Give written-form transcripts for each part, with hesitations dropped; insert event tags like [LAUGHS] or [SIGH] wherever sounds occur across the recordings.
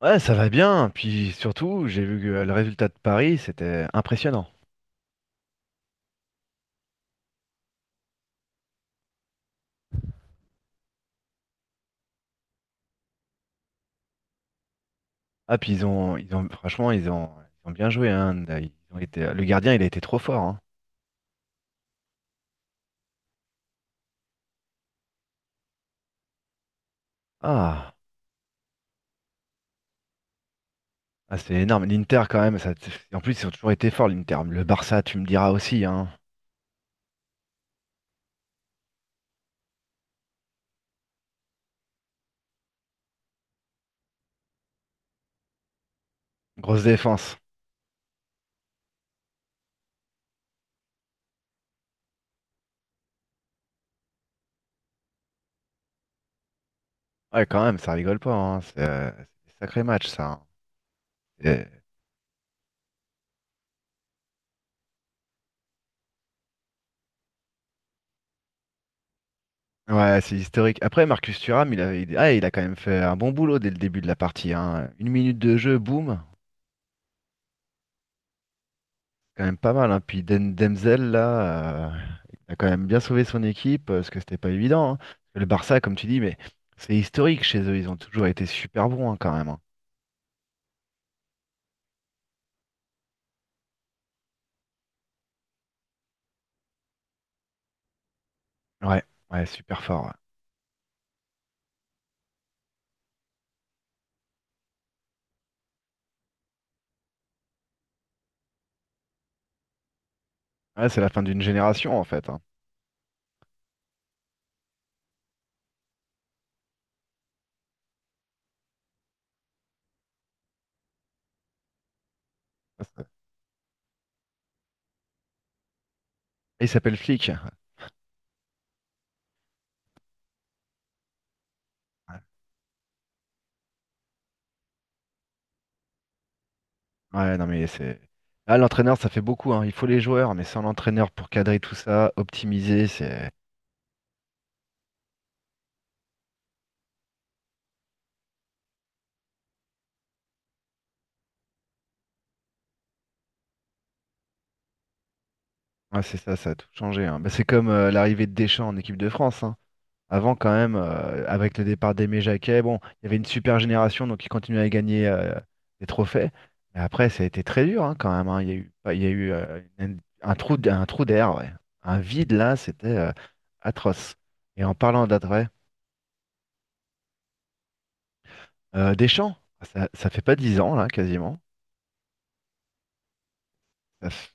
Ouais, ça va bien. Puis surtout, j'ai vu que le résultat de Paris, c'était impressionnant. Ah, puis ils ont, franchement, ils ont bien joué. Hein. Ils ont été, le gardien, il a été trop fort. Hein. Ah, ah, c'est énorme. L'Inter, quand même, ça, en plus, ils ont toujours été forts, l'Inter. Le Barça, tu me diras aussi. Hein. Grosse défense. Ouais, quand même, ça rigole pas. Hein. C'est des sacrés matchs, ça. Hein. C'est- Ouais, c'est historique. Après, Marcus Thuram, il a quand même fait un bon boulot dès le début de la partie. Hein. Une minute de jeu, boum. Quand même pas mal. Hein. Puis Demzel, là, il a quand même bien sauvé son équipe, parce que c'était pas évident. Hein. Le Barça, comme tu dis, mais c'est historique chez eux, ils ont toujours été super bons, hein, quand même. Hein. Ouais, ouais, super fort. Ouais. Ouais, c'est la fin d'une génération en fait. Hein. Ça, c'est- Il s'appelle Flick. Ouais. Ouais, non mais c'est. Là, l'entraîneur, ça fait beaucoup, hein. Il faut les joueurs, mais sans l'entraîneur pour cadrer tout ça, optimiser, c'est. Ouais, c'est ça, ça a tout changé. Hein. Bah, c'est comme l'arrivée de Deschamps en équipe de France. Hein. Avant, quand même, avec le départ d'Aimé Jacquet, bon, il y avait une super génération, donc ils continuaient à gagner, des trophées. Mais après, ça a été très dur, hein, quand même. Hein. Il y a eu un trou, un trou d'air, ouais. Un vide là, c'était atroce. Et en parlant d'après, Deschamps, ça fait pas 10 ans là, quasiment. Ça, f-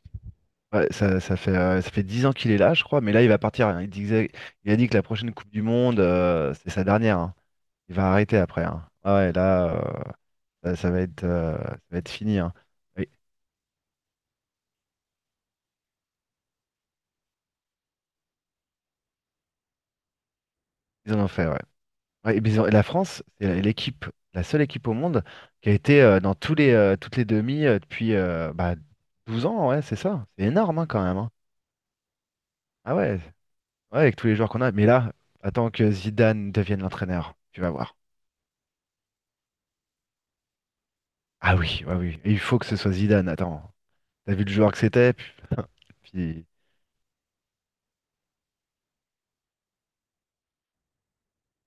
ouais, ça, ça fait 10 ans qu'il est là, je crois. Mais là, il va partir. Hein. Il disait, il a dit que la prochaine Coupe du Monde, c'est sa dernière. Hein. Il va arrêter après. Hein. Ah ouais, là. Ça, ça va être fini, hein. Oui, ils en ont fait, ouais. Ouais, et puis et la France, c'est l'équipe, la seule équipe au monde qui a été, dans toutes les demi, depuis, bah, 12 ans, ouais, c'est ça. C'est énorme, hein, quand même. Hein. Ah ouais, ouais, avec tous les joueurs qu'on a. Mais là, attends que Zidane devienne l'entraîneur, tu vas voir. Ah oui, ouais, oui. Et il faut que ce soit Zidane, attends. T'as vu le joueur que c'était? Puis-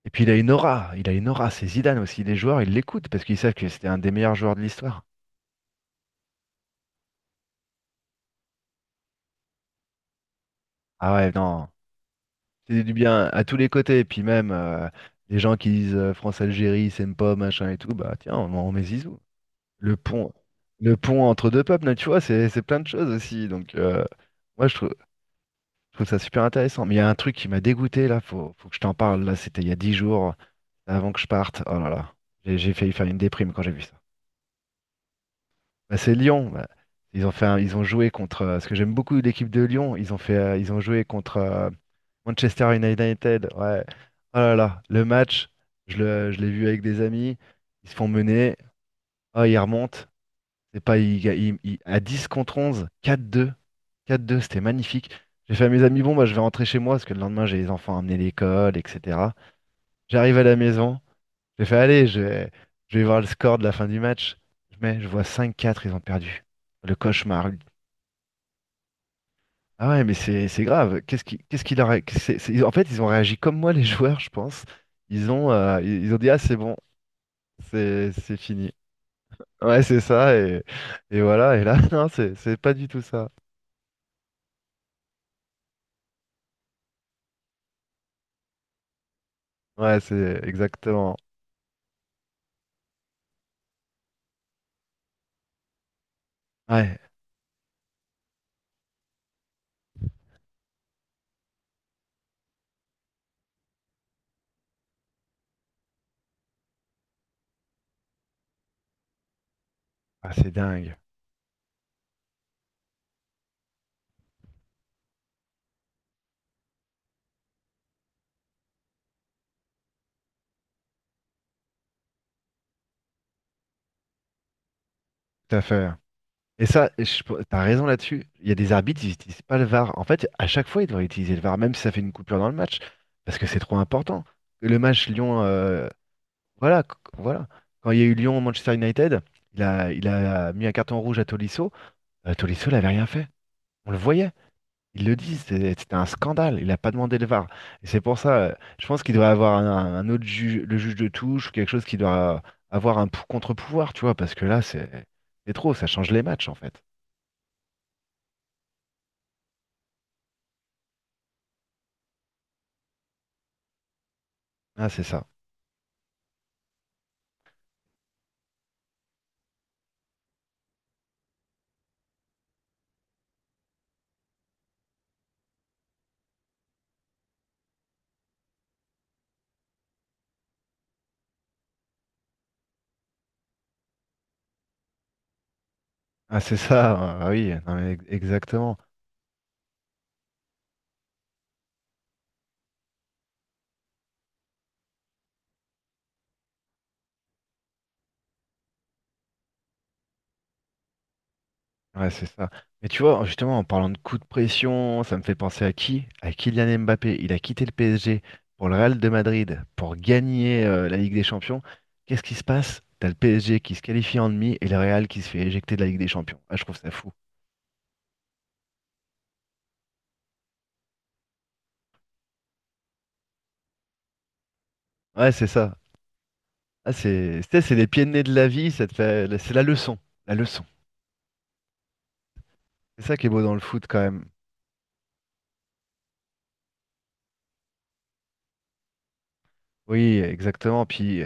Et puis il a une aura, il a une aura, c'est Zidane aussi. Les joueurs, ils l'écoutent parce qu'ils savent que c'était un des meilleurs joueurs de l'histoire. Ah ouais, non. C'est du bien à tous les côtés. Et puis même, les gens qui disent, France-Algérie, c'est pas machin et tout, bah tiens, en met Zizou. Le pont, le pont entre deux peuples, là, tu vois, c'est plein de choses aussi. Donc, moi, je trouve ça super intéressant. Mais il y a un truc qui m'a dégoûté, là, faut que je t'en parle. Là, c'était il y a 10 jours, avant que je parte. Oh là là, j'ai failli faire une déprime quand j'ai vu ça. Bah, c'est Lyon. Bah. Ils ont joué contre. Parce que j'aime beaucoup l'équipe de Lyon. Ils ont joué contre, Manchester United. Ouais. Oh là là, le match, je l'ai vu avec des amis. Ils se font mener. Ah, ils remontent. C'est pas ils ga- ils- ils- à 10 contre 11. 4-2, 4-2. C'était magnifique. J'ai fait à mes amis, bon, bah, je vais rentrer chez moi parce que le lendemain, j'ai les enfants à amener à l'école, etc. J'arrive à la maison. J'ai fait, allez, je vais voir le score de la fin du match. Je mets, je vois 5-4. Ils ont perdu. Le cauchemar. Ah ouais, mais c'est grave. Qu'est-ce qui, qu'est-ce qu'il a ré- qu'est-ce que c'est- En fait, ils ont réagi comme moi, les [LAUGHS] joueurs, je pense. Ils ont dit, ah, c'est bon, c'est fini. Ouais, c'est ça, et voilà. Et là, [LAUGHS] non, c'est pas du tout ça. Ouais, c'est exactement. Ouais, ah, c'est dingue. Tout à fait. Et ça, t'as raison là-dessus. Il y a des arbitres, ils utilisent pas le VAR. En fait, à chaque fois, ils devraient utiliser le VAR, même si ça fait une coupure dans le match, parce que c'est trop important. Le match lyon lyon Voilà, voilà. Quand il y a eu Lyon-Manchester United, il a mis un carton rouge à Tolisso. Tolisso n'avait rien fait. On le voyait. Ils le disent. C'était un scandale. Il n'a pas demandé le VAR. Et c'est pour ça, je pense qu'il doit avoir un autre juge, le juge de touche, ou quelque chose qui doit avoir un contre-pouvoir, tu vois, parce que là, c'est trop. Ça change les matchs, en fait. Ah, c'est ça. Ah, c'est ça. Ah, oui, non, mais exactement. Ouais, c'est ça. Mais tu vois, justement, en parlant de coup de pression, ça me fait penser à qui? À Kylian Mbappé. Il a quitté le PSG pour le Real de Madrid, pour gagner, la Ligue des Champions. Qu'est-ce qui se passe? T'as le PSG qui se qualifie en demi et le Real qui se fait éjecter de la Ligue des Champions. Ah, je trouve ça fou. Ouais, c'est ça. Ah, c'est, tu sais, c'est les pieds de nez de la vie, c'est la leçon. La leçon. C'est ça qui est beau dans le foot quand même. Oui, exactement. Puis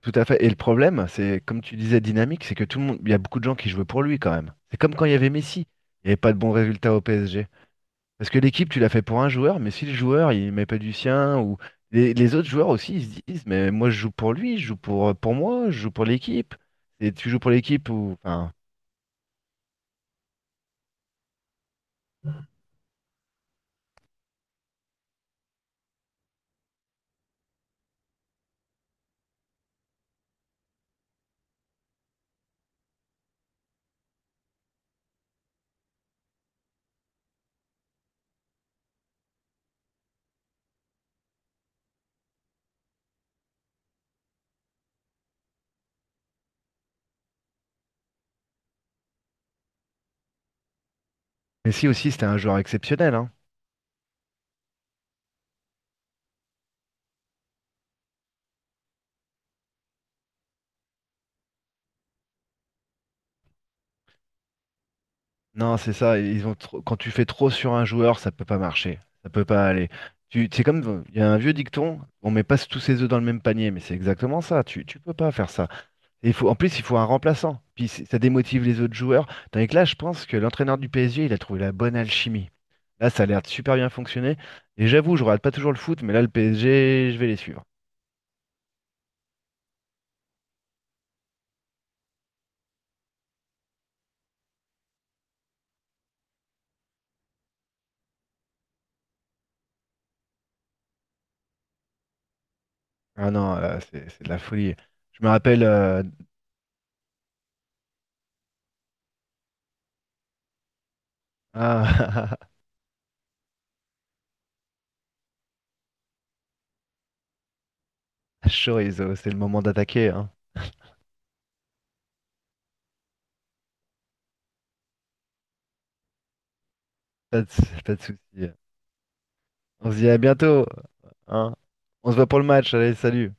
Tout à fait. Et le problème, c'est, comme tu disais, dynamique, c'est que tout le monde, il y a beaucoup de gens qui jouaient pour lui quand même. C'est comme quand il y avait Messi. Il n'y avait pas de bons résultats au PSG. Parce que l'équipe, tu l'as fait pour un joueur, mais si le joueur, il met pas du sien, ou les autres joueurs aussi, ils se disent, mais moi, je joue pour lui, je joue pour moi, je joue pour l'équipe. Et tu joues pour l'équipe ou, enfin, Messi aussi, c'était un joueur exceptionnel, hein. Non, c'est ça. Quand tu fais trop sur un joueur, ça peut pas marcher. Ça peut pas aller. C'est comme il y a un vieux dicton, on met pas tous ses œufs dans le même panier, mais c'est exactement ça. Tu peux pas faire ça. En plus, il faut un remplaçant. Puis ça démotive les autres joueurs. Tandis que là, je pense que l'entraîneur du PSG, il a trouvé la bonne alchimie. Là, ça a l'air de super bien fonctionner. Et j'avoue, je regarde pas toujours le foot, mais là, le PSG, je vais les suivre. Ah non, là, c'est de la folie. Je me rappelle. Ah, [LAUGHS] Chorizo, c'est le moment d'attaquer, hein. Pas de, pas de souci. On se dit à bientôt, hein. On se voit pour le match. Allez, salut.